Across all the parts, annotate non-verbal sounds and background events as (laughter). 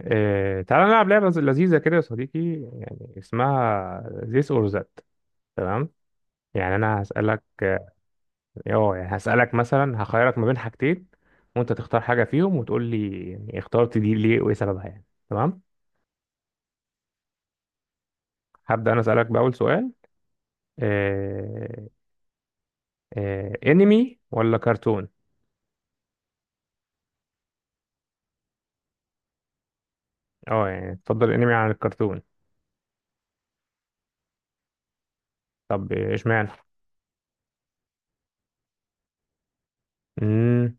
إيه، تعالى نلعب لعبة لذيذة كده يا صديقي، يعني اسمها this or that. تمام. يعني أنا هسألك يعني هسألك مثلا، هخيرك ما بين حاجتين، وأنت تختار حاجة فيهم وتقول لي يعني اخترت دي ليه وإيه سببها يعني. تمام. هبدأ أنا أسألك بأول سؤال. إيه، إيه، انمي ولا كرتون؟ اه يعني تفضل انمي عن الكرتون. طب اشمعنى؟ امم.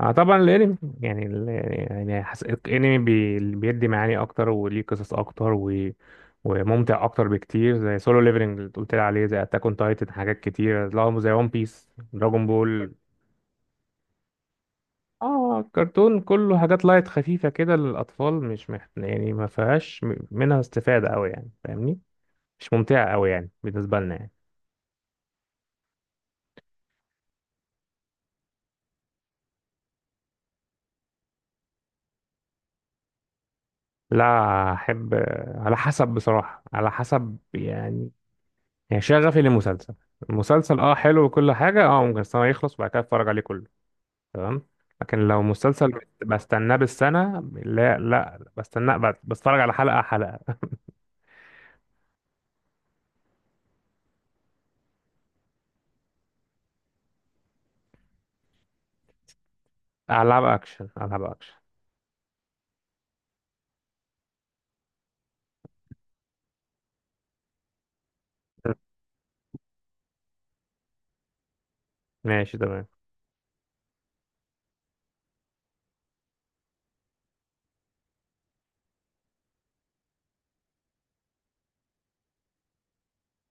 اه طبعا الانمي يعني يعني الانمي بيدي معاني اكتر وليه قصص اكتر وممتع اكتر بكتير، زي سولو ليفلنج اللي قلت لي عليه، زي اتاك اون تايتن، حاجات كتير، لا زي ون بيس دراجون بول. اه كرتون كله حاجات لايت خفيفه كده للاطفال، مش مح... يعني ما فيهاش منها استفاده قوي يعني، فاهمني؟ مش ممتعه قوي يعني بالنسبه لنا يعني. لا احب، على حسب بصراحه، على حسب يعني. يعني شغفي للمسلسل، المسلسل اه حلو وكل حاجة، اه ممكن السنة يخلص وبعد كده اتفرج عليه كله. تمام. لكن لو مسلسل بستناه بالسنة، لا لا بستناه، بتفرج على حلقة حلقة. ألعاب أكشن، ألعاب أكشن. ماشي تمام.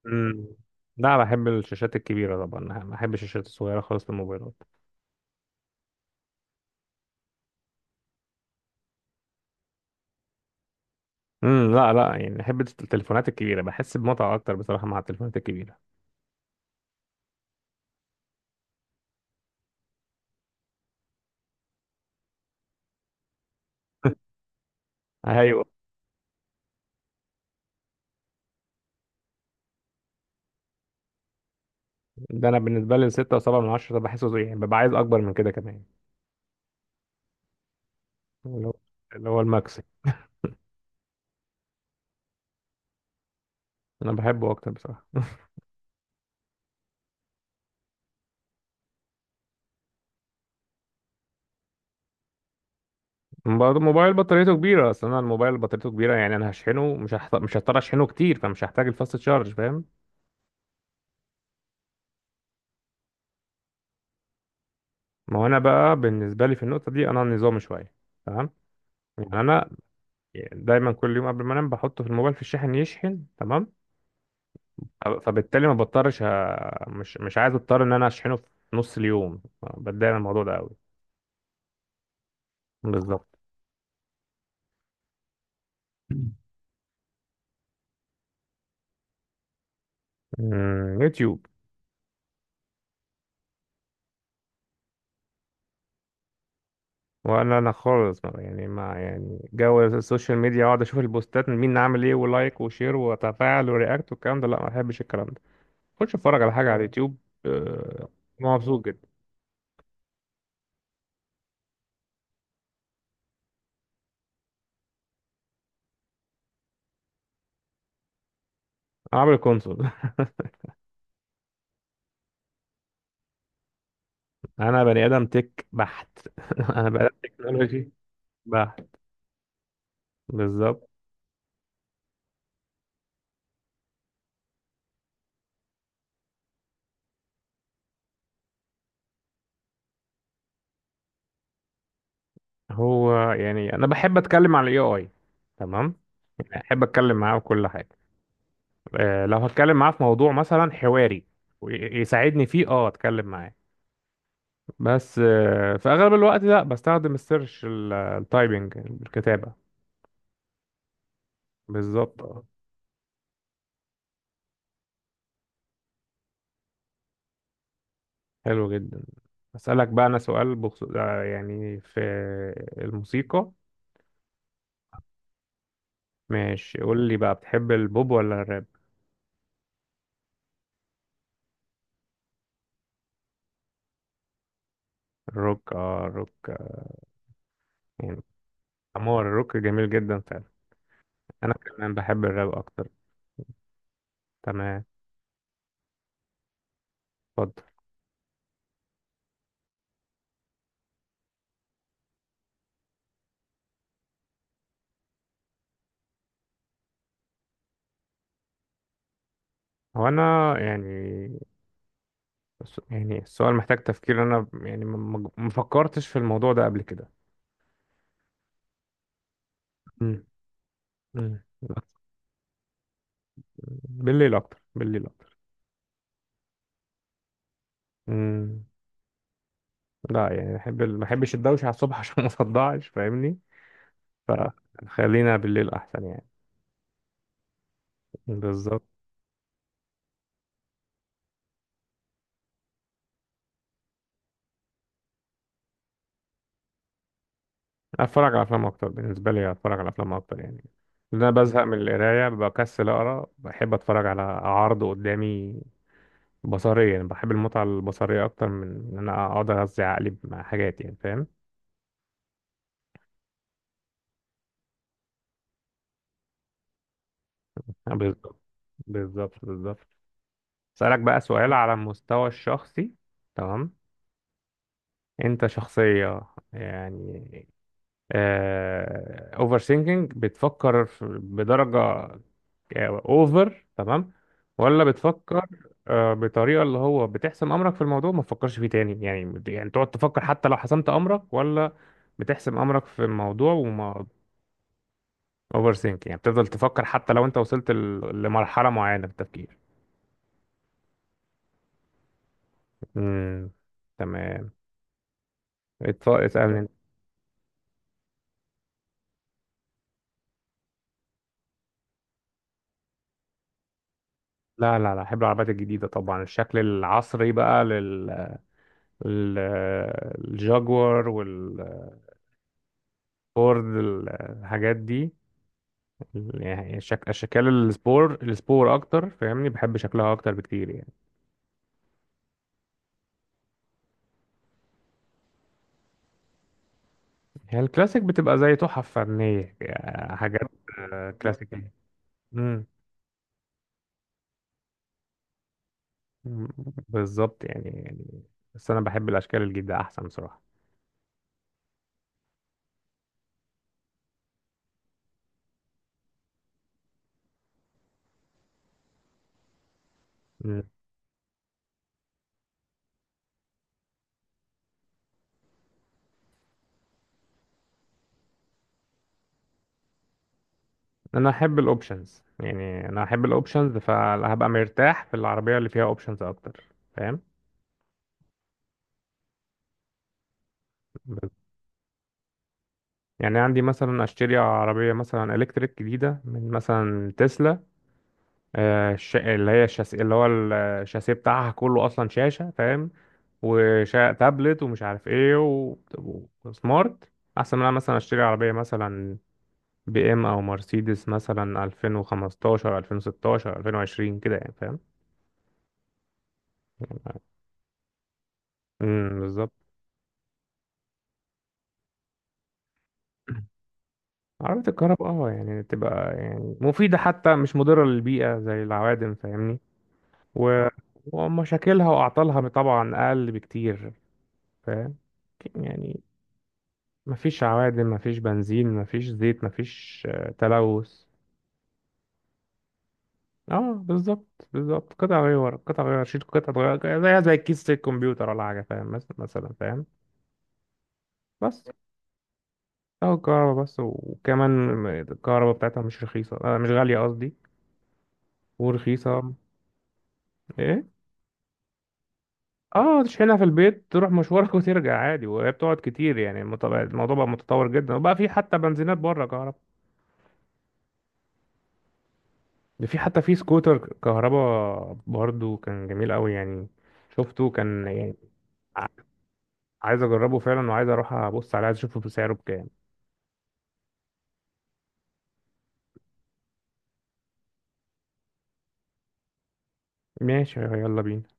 مم. لا بحب الشاشات الكبيرة طبعا، ما بحبش الشاشات الصغيرة خالص للموبايلات. امم، لا لا يعني بحب التليفونات الكبيرة، بحس بمتعة أكتر بصراحة مع التليفونات الكبيرة. (laughs) ايوه. ده انا بالنسبه لي الستة وسبعة من عشرة ده بحسه زي يعني ببقى عايز اكبر من كده كمان، اللي هو اللي هو الماكس. انا بحبه اكتر بصراحه. (laughs) برضه الموبايل بطاريته كبيره، اصل انا الموبايل بطاريته كبيره، يعني انا هشحنه، مش هضطر اشحنه كتير، فمش هحتاج الفاست تشارج، فاهم؟ ما هو انا بقى بالنسبه لي في النقطه دي انا نظامي شويه. تمام. يعني انا دايما كل يوم قبل ما انام بحطه في الموبايل في الشاحن يشحن. تمام. فبالتالي ما بضطرش مش عايز اضطر ان انا اشحنه في نص اليوم، بتضايق من الموضوع ده قوي. بالظبط. أمم، (clears throat) يوتيوب. ولا انا خالص يعني ما يعني جو السوشيال ميديا اقعد اشوف البوستات من مين عامل ايه، ولايك وشير وتفاعل ورياكت والكلام ده، لا ما بحبش الكلام ده. خش اتفرج على حاجه على اليوتيوب. آه، مبسوط جدا. انا عامل كونسول. (laughs) انا بني ادم تك بحت. (laughs) انا بني ادم تكنولوجي بحت. بالظبط. هو يعني انا بحب اتكلم عن الاي اي. تمام. يعني احب اتكلم معاه في كل حاجه، آه، لو هتكلم معاه في موضوع مثلا حواري ويساعدني فيه اه اتكلم معاه. بس آه، في اغلب الوقت لا بستخدم السيرش، التايبنج، الكتابة. بالظبط آه. حلو جدا. اسالك بقى انا سؤال بخصوص آه، يعني في الموسيقى. ماشي، قول لي بقى، بتحب البوب ولا الراب؟ الروك، اه الروك، آه، يعني امور، الروك جميل جدا فعلا. انا كمان بحب الراب اكتر. تمام. اتفضل. هو انا يعني يعني السؤال محتاج تفكير، انا يعني ما فكرتش في الموضوع ده قبل كده. مم. مم. بالليل اكتر، بالليل اكتر. امم، لا يعني بحب ما بحبش الدوشه على الصبح (laughs) عشان ما صدعش فاهمني، فخلينا بالليل احسن يعني. بالظبط. اتفرج على افلام اكتر، بالنسبه لي اتفرج على افلام اكتر يعني، لأن انا بزهق من القرايه، بكسل اقرا، بحب اتفرج على عرض قدامي بصريا، يعني بحب المتعه البصريه اكتر من ان انا اقعد اغذي عقلي مع حاجات، يعني فاهم. بالظبط، بالظبط، بالظبط. اسالك بقى سؤال على المستوى الشخصي. تمام. انت شخصية يعني اوفر ثينكينج، بتفكر بدرجة اوفر، تمام؟ ولا بتفكر آه، بطريقة اللي هو بتحسم امرك في الموضوع ما تفكرش فيه تاني يعني، يعني تقعد تفكر حتى لو حسمت امرك، ولا بتحسم امرك في الموضوع وما... اوفر ثينك، يعني بتفضل تفكر حتى لو انت وصلت لمرحلة معينة في التفكير. امم. تمام. اسألني انت. لا لا لا، احب العربيات الجديدة طبعا، الشكل العصري بقى لل ال- الجاguار والفورد الحاجات دي، يعني اشكال السبور، السبور اكتر فاهمني، بحب شكلها اكتر بكتير يعني. هي الكلاسيك بتبقى زي تحف فنية، يعني حاجات آه، كلاسيكية. امم، بالظبط يعني يعني، بس انا بحب الاشكال الجديدة احسن بصراحة. مم. انا احب الاوبشنز، يعني انا احب الاوبشنز، فهبقى مرتاح في العربية اللي فيها اوبشنز اكتر، فاهم؟ يعني عندي مثلا اشتري عربيه مثلا الكتريك جديده من مثلا تسلا، آه، الش... اللي هي الشاس... اللي هو ال- الشاسيه بتاعها كله اصلا شاشه، فاهم؟ وتابلت ومش عارف ايه وسمارت، احسن من أنا مثلا اشتري عربيه مثلا بي ام او مرسيدس مثلا 2015، 2016، 2020 كده يعني، فاهم؟ امم، بالظبط. (clears throat) عربية الكهرباء اه، يعني تبقى يعني مفيدة حتى، مش مضرة للبيئة زي العوادم فاهمني، و- ومشاكلها وأعطالها طبعا أقل بكتير، فاهم؟ يعني مفيش عوادم، مفيش بنزين، مفيش زيت، مفيش آه، تلوث. اه بالظبط بالظبط، قطع غير، قطع غير شيل، قطع غير زيها زي كيس الكمبيوتر ولا حاجة، فاهم؟ مثلا فاهم؟ بس اهو الكهرباء بس، وكمان الكهرباء بتاعتها مش رخيصة، آه مش غالية قصدي، ورخيصة. ايه؟ اه تشحنها في البيت، تروح مشوارك (laughs) وترجع عادي، وهي بتقعد كتير يعني، الموضوع بقى متطور جدا، وبقى في حتى بنزينات بره كهرباء، ده في حتى في سكوتر كهربا برضو، كان جميل قوي يعني، شفته كان يعني. عايز اجربه فعلا، وعايز اروح ابص عليه، عايز اشوفه بسعره بكام. ماشي يلا بينا.